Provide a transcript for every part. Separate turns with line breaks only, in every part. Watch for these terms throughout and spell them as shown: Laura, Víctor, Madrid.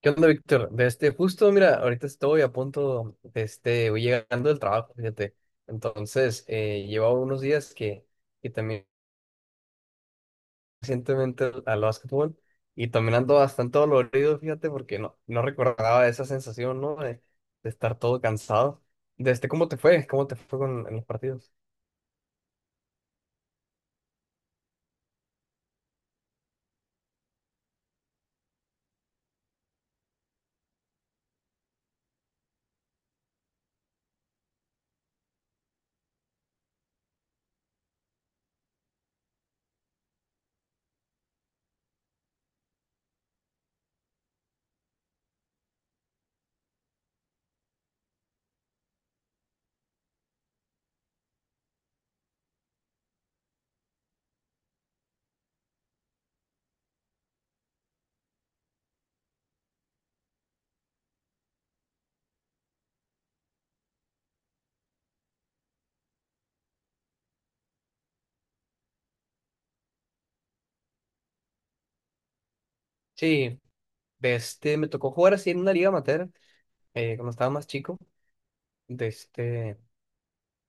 ¿Qué onda, Víctor? Justo, mira, ahorita estoy a punto, voy llegando del trabajo, fíjate. Entonces, llevo unos días que también recientemente al básquetbol y también ando bastante dolorido, fíjate, porque no recordaba esa sensación, ¿no? De estar todo cansado. ¿Cómo te fue? ¿Cómo te fue en los partidos? Sí, me tocó jugar así en una liga amateur, cuando estaba más chico. De este,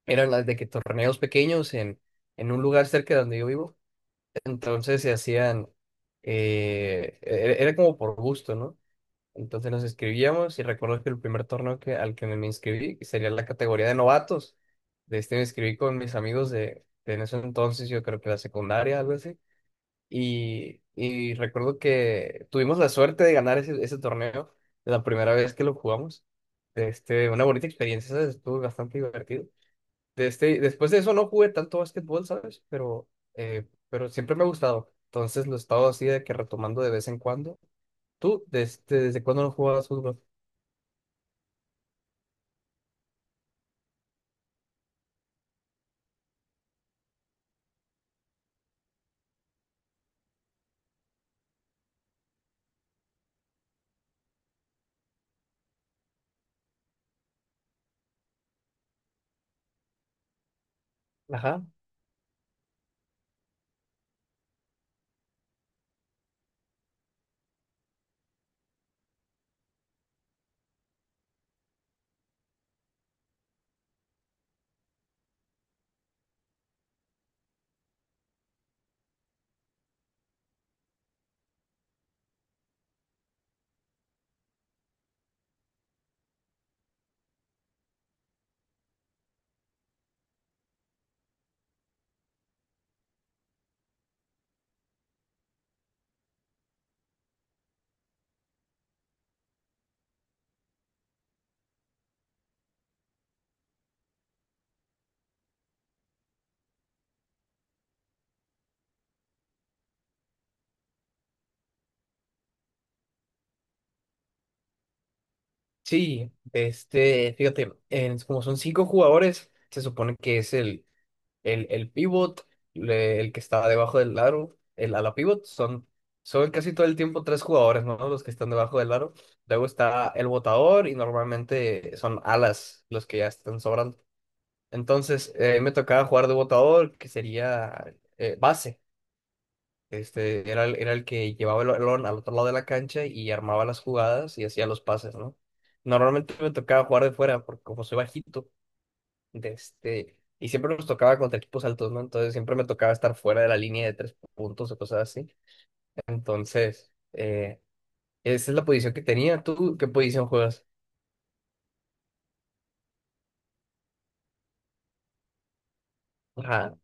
Eran las de que torneos pequeños en un lugar cerca de donde yo vivo. Entonces se hacían, era como por gusto, ¿no? Entonces nos inscribíamos y recuerdo que el primer torneo al que me inscribí sería la categoría de novatos. De este Me inscribí con mis amigos de en ese entonces, yo creo que la secundaria, algo así. Y recuerdo que tuvimos la suerte de ganar ese torneo la primera vez que lo jugamos. Este, una bonita experiencia, ¿sabes? Estuvo bastante divertido, después de eso no jugué tanto básquetbol, ¿sabes? Pero siempre me ha gustado. Entonces lo he estado así de que retomando de vez en cuando. ¿Tú desde cuándo no jugabas fútbol? Ajá. Sí, este, fíjate, como son cinco jugadores, se supone que es el pivot, el que está debajo del aro, el ala pivot, son casi todo el tiempo tres jugadores, ¿no? Los que están debajo del aro. Luego está el botador y normalmente son alas los que ya están sobrando. Entonces, me tocaba jugar de botador, que sería, base. Este, era el que llevaba el balón al otro lado de la cancha y armaba las jugadas y hacía los pases, ¿no? Normalmente me tocaba jugar de fuera, porque como soy bajito, y siempre nos tocaba contra equipos altos, ¿no? Entonces siempre me tocaba estar fuera de la línea de tres puntos o cosas así. Entonces, esa es la posición que tenía. ¿Tú qué posición juegas? Ajá.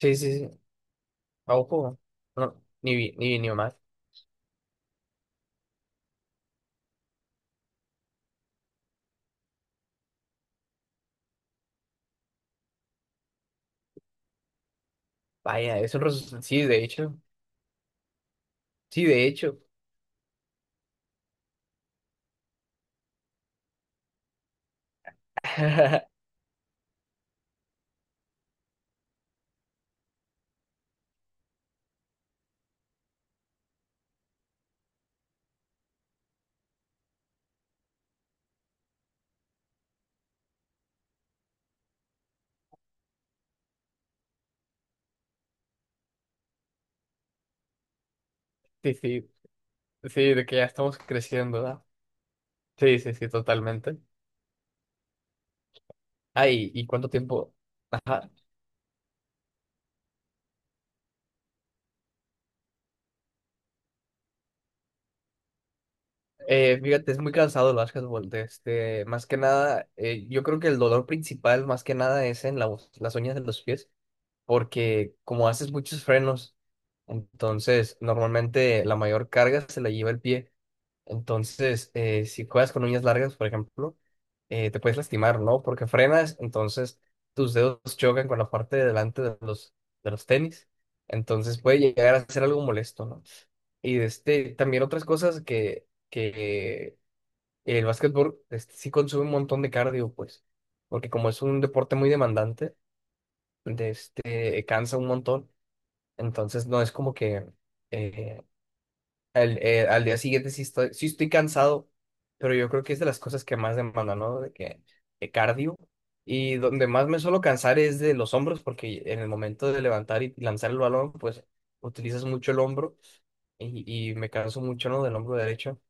Sí, sí, sí. A ojo. No, ni vi, ni vi, ni más. Vaya, sí, de hecho. Sí, de hecho. Sí, sí, sí, de que ya estamos creciendo, ¿verdad? Sí, sí, sí, totalmente. Ay, ¿y cuánto tiempo? Ajá. Fíjate, es muy cansado el básquetbol. Más que nada, yo creo que el dolor principal, más que nada, es en las uñas de los pies, porque como haces muchos frenos, entonces normalmente la mayor carga se la lleva el pie. Entonces, si juegas con uñas largas, por ejemplo, te puedes lastimar, ¿no? Porque frenas, entonces tus dedos chocan con la parte de delante de de los tenis. Entonces puede llegar a ser algo molesto, ¿no? Y también otras cosas que el básquetbol, este, sí consume un montón de cardio, pues, porque como es un deporte muy demandante, cansa un montón, entonces no es como que eh, al día siguiente sí estoy cansado, pero yo creo que es de las cosas que más demanda, ¿no? De cardio. Y donde más me suelo cansar es de los hombros, porque en el momento de levantar y lanzar el balón, pues utilizas mucho el hombro y me canso mucho, ¿no? Del hombro derecho.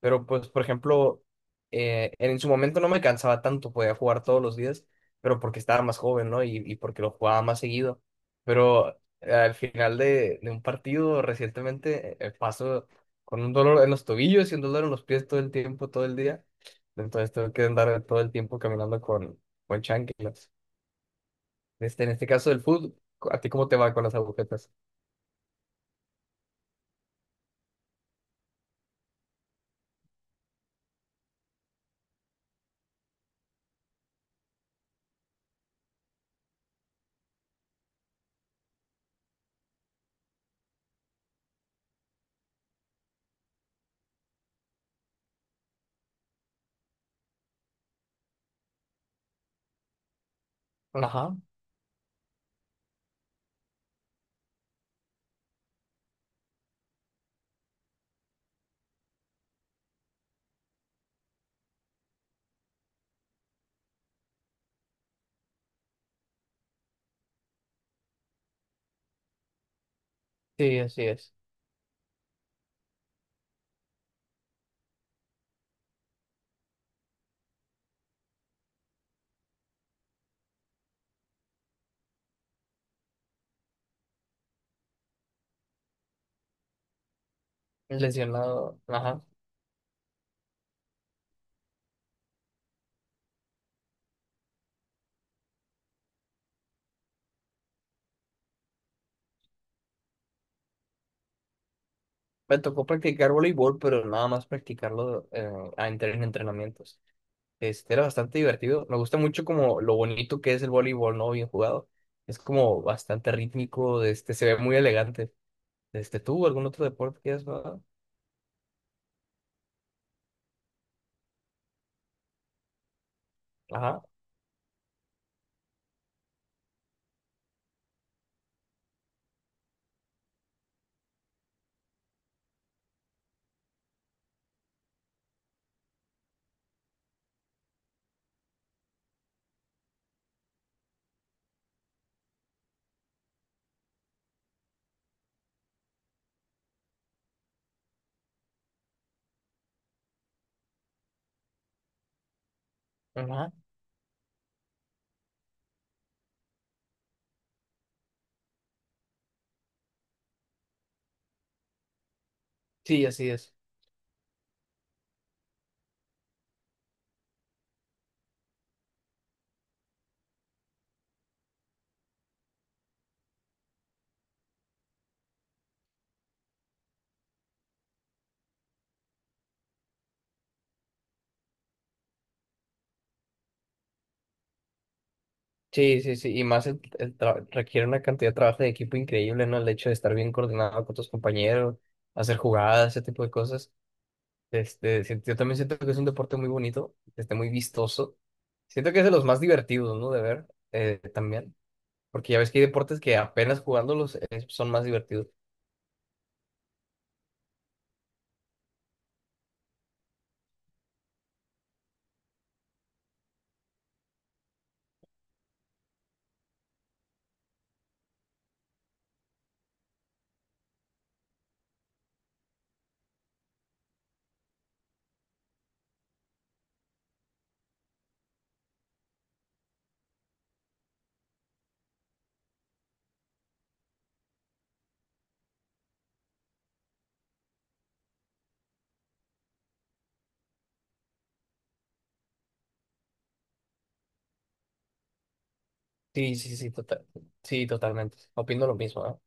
Pero pues, por ejemplo, en su momento no me cansaba tanto, podía jugar todos los días, pero porque estaba más joven, ¿no? Y porque lo jugaba más seguido. Pero, al final de un partido recientemente, paso con un dolor en los tobillos y un dolor en los pies todo el tiempo, todo el día. Entonces tengo que andar todo el tiempo caminando con chanclas. Este, en este caso del fútbol, ¿a ti cómo te va con las agujetas? Ajá, sí, así es. Lesionado, ajá. Me tocó practicar voleibol, pero nada más practicarlo, a entrar en entrenamientos. Este, era bastante divertido. Me gusta mucho como lo bonito que es el voleibol, ¿no? Bien jugado. Es como bastante rítmico, este, se ve muy elegante. Este, ¿tú algún otro deporte que has jugado? Ajá, ajá. Sí, así es. Sí, sí, sí. Y más requiere una cantidad de trabajo de equipo increíble, ¿no? El hecho de estar bien coordinado con tus compañeros, hacer jugadas, ese tipo de cosas. Este, yo también siento que es un deporte muy bonito, este, muy vistoso. Siento que es de los más divertidos, ¿no? De ver, también. Porque ya ves que hay deportes que apenas jugándolos, son más divertidos. Sí, sí, sí, total. Sí, totalmente. Opino lo mismo, ¿no?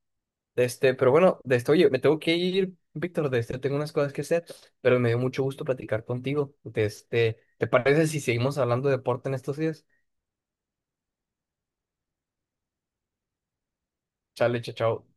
Pero bueno, oye, me tengo que ir, Víctor, tengo unas cosas que hacer, pero me dio mucho gusto platicar contigo. ¿Te parece si seguimos hablando de deporte en estos días? Chale, chao, chao.